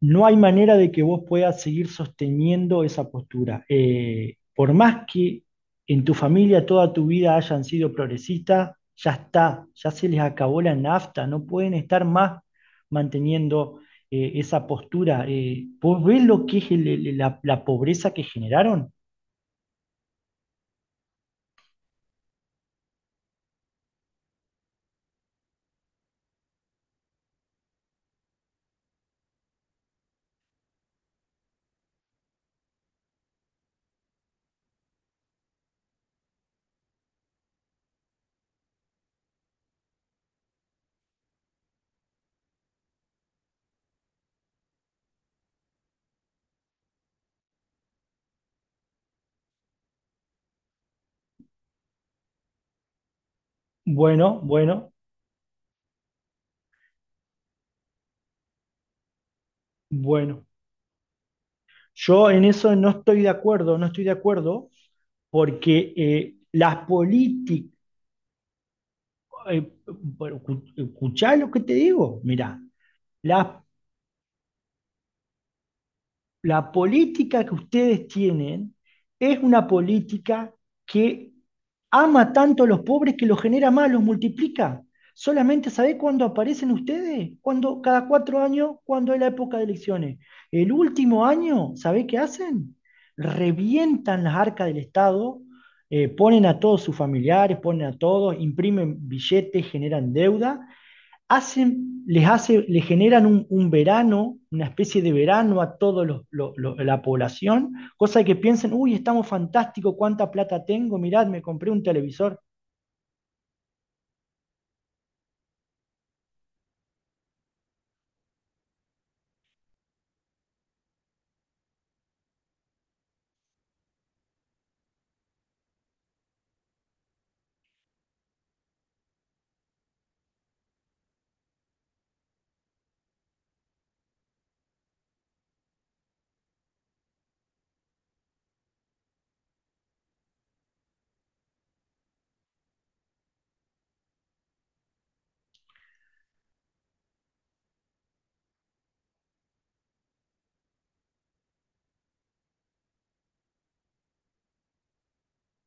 No hay manera de que vos puedas seguir sosteniendo esa postura. Por más que en tu familia toda tu vida hayan sido progresistas, ya está, ya se les acabó la nafta, no pueden estar más manteniendo esa postura. ¿Vos ves lo que es la pobreza que generaron? Bueno, bueno, bueno. Yo en eso no estoy de acuerdo, no estoy de acuerdo, porque las políticas bueno, escuchá lo que te digo. Mirá, la, la política que ustedes tienen es una política que ama tanto a los pobres que los genera más, los multiplica. Solamente sabés cuándo aparecen ustedes, cuando cada 4 años, cuando es la época de elecciones. El último año, ¿sabés qué hacen? Revientan las arcas del Estado, ponen a todos sus familiares, ponen a todos, imprimen billetes, generan deuda, hacen, les hace, le generan un verano, una especie de verano a toda la población, cosa de que piensen, uy, estamos fantásticos, cuánta plata tengo, mirad, me compré un televisor.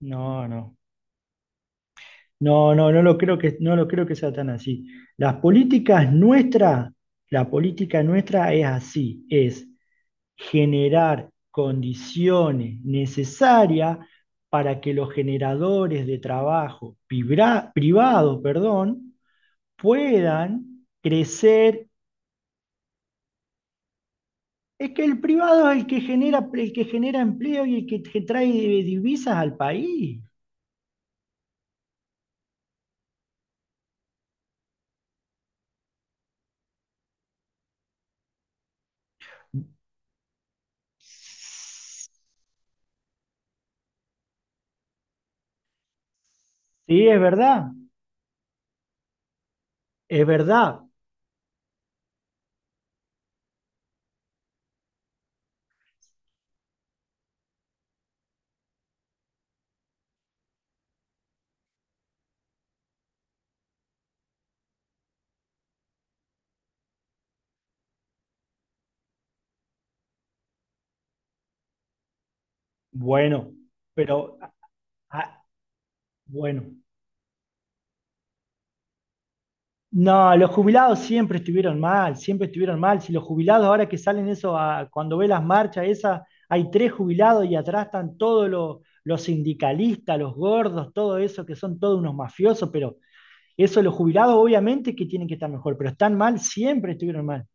No, no, no, lo creo que, no lo creo que sea tan así. Las políticas nuestras, la política nuestra es así, es generar condiciones necesarias para que los generadores de trabajo privados, perdón, puedan crecer, es que el privado es el que genera empleo y el que te trae divisas al país. Sí, es verdad, es verdad. Bueno, pero ah, bueno. No, los jubilados siempre estuvieron mal, siempre estuvieron mal. Si los jubilados ahora que salen eso, cuando ve las marchas esas, hay tres jubilados y atrás están los sindicalistas, los gordos, todo eso, que son todos unos mafiosos. Pero eso, los jubilados obviamente que tienen que estar mejor, pero están mal, siempre estuvieron mal.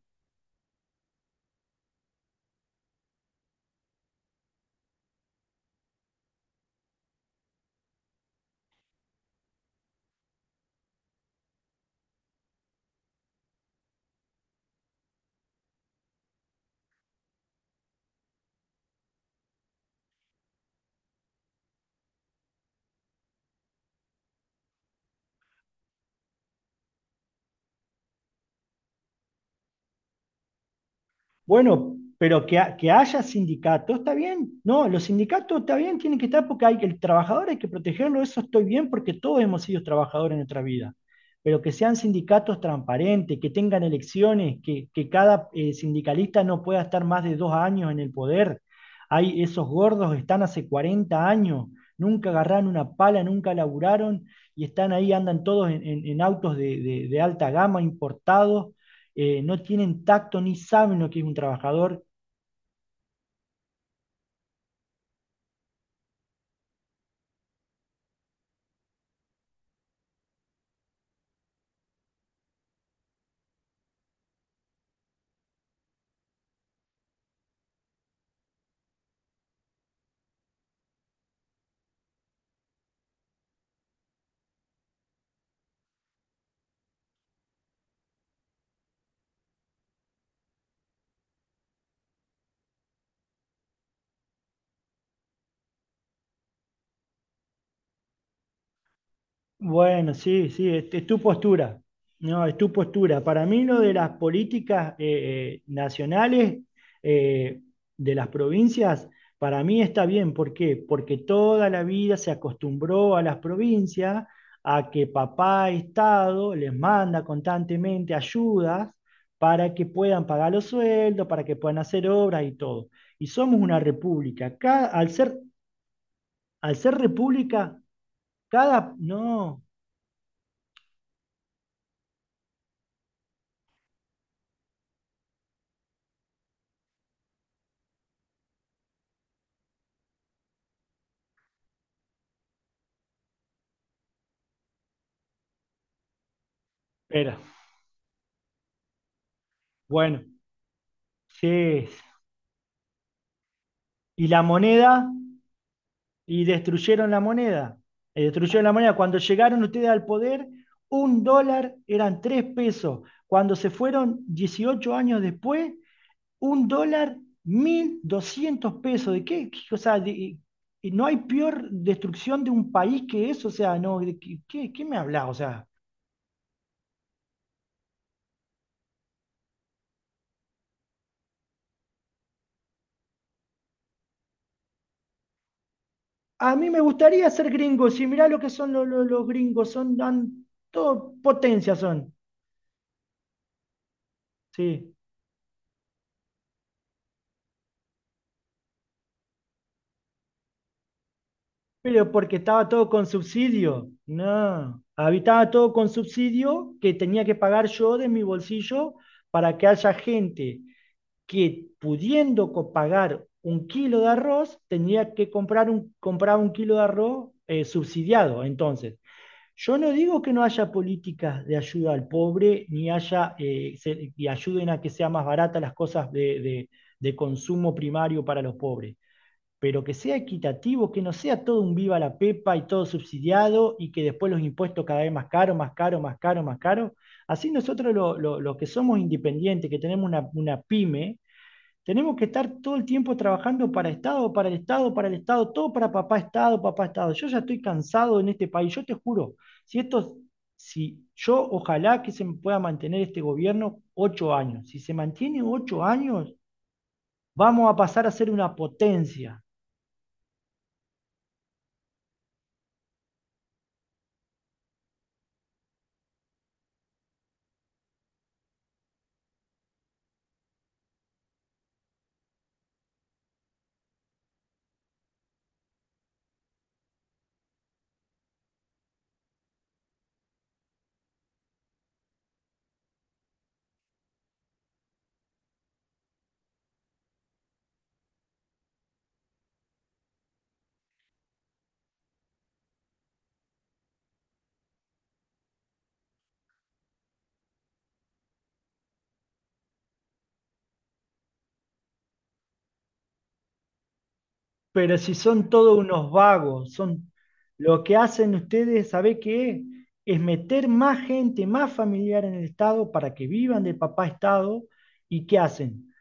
Bueno, pero que, que haya sindicatos, está bien. No, los sindicatos está bien, tienen que estar porque hay que, el trabajador hay que protegerlo, eso estoy bien porque todos hemos sido trabajadores en nuestra vida. Pero que sean sindicatos transparentes, que tengan elecciones, que cada sindicalista no pueda estar más de 2 años en el poder. Hay, esos gordos están hace 40 años, nunca agarraron una pala, nunca laburaron y están ahí, andan todos en autos de alta gama importados, no tienen tacto ni saben lo que es un trabajador. Bueno, sí, sí, es tu postura. No, es tu postura. Para mí lo de las políticas nacionales, eh, de las provincias, para mí está bien. ¿Por qué? Porque toda la vida se acostumbró a las provincias a que papá Estado les manda constantemente ayudas para que puedan pagar los sueldos, para que puedan hacer obras y todo. Y somos una república. Al ser al ser república, cada... No, espera. Bueno, sí. Y la moneda, y destruyeron la moneda. Y destruyeron la moneda. Cuando llegaron ustedes al poder, un dólar eran 3 pesos. Cuando se fueron 18 años después, un dólar, 1200 pesos. ¿De qué? O sea, de- no hay peor destrucción de un país que eso. O sea, no, ¿de, qué, me hablas? O sea, a mí me gustaría ser gringo, si mirá lo que son los gringos, son dan, todo potencia son, sí. Pero porque estaba todo con subsidio, no. Habitaba todo con subsidio que tenía que pagar yo de mi bolsillo para que haya gente que, pudiendo pagar un kilo de arroz, tenía que comprar comprar un kilo de arroz subsidiado, entonces. Yo no digo que no haya políticas de ayuda al pobre, ni haya, y ayuden a que sea más baratas las cosas de consumo primario para los pobres, pero que sea equitativo, que no sea todo un viva la pepa y todo subsidiado, y que después los impuestos cada vez más caros, más caros, más caros, más caros. Así nosotros los que somos independientes, que tenemos una pyme, tenemos que estar todo el tiempo trabajando para Estado, para el Estado, para el Estado, todo para papá Estado, papá Estado. Yo ya estoy cansado en este país, yo te juro, si esto, si yo, ojalá que se pueda mantener este gobierno 8 años. Si se mantiene 8 años, vamos a pasar a ser una potencia. Pero si son todos unos vagos, son lo que hacen ustedes, ¿sabe qué es? Es meter más gente, más familiar en el Estado para que vivan de papá Estado. ¿Y qué hacen?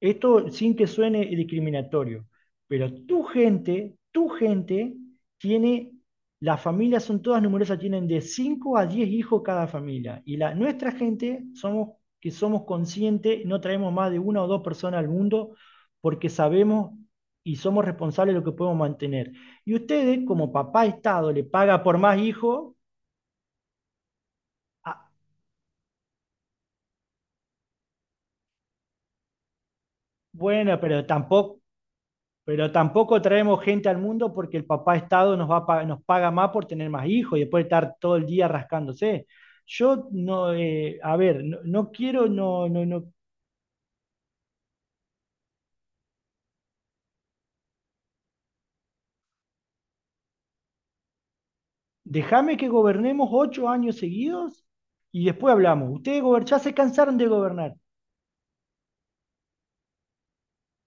Esto, sin que suene discriminatorio, pero tu gente tiene, las familias son todas numerosas, tienen de 5 a 10 hijos cada familia. Y la, nuestra gente somos, que somos conscientes, no traemos más de una o dos personas al mundo porque sabemos y somos responsables de lo que podemos mantener. Y ustedes, como papá Estado, le paga por más hijos, ah, bueno, pero tampoco, pero tampoco traemos gente al mundo porque el papá Estado nos, nos paga más por tener más hijos y después estar todo el día rascándose. Yo no, a ver, no, no quiero, no, no, no. Déjame que gobernemos 8 años seguidos y después hablamos. Ustedes ya se cansaron de gobernar.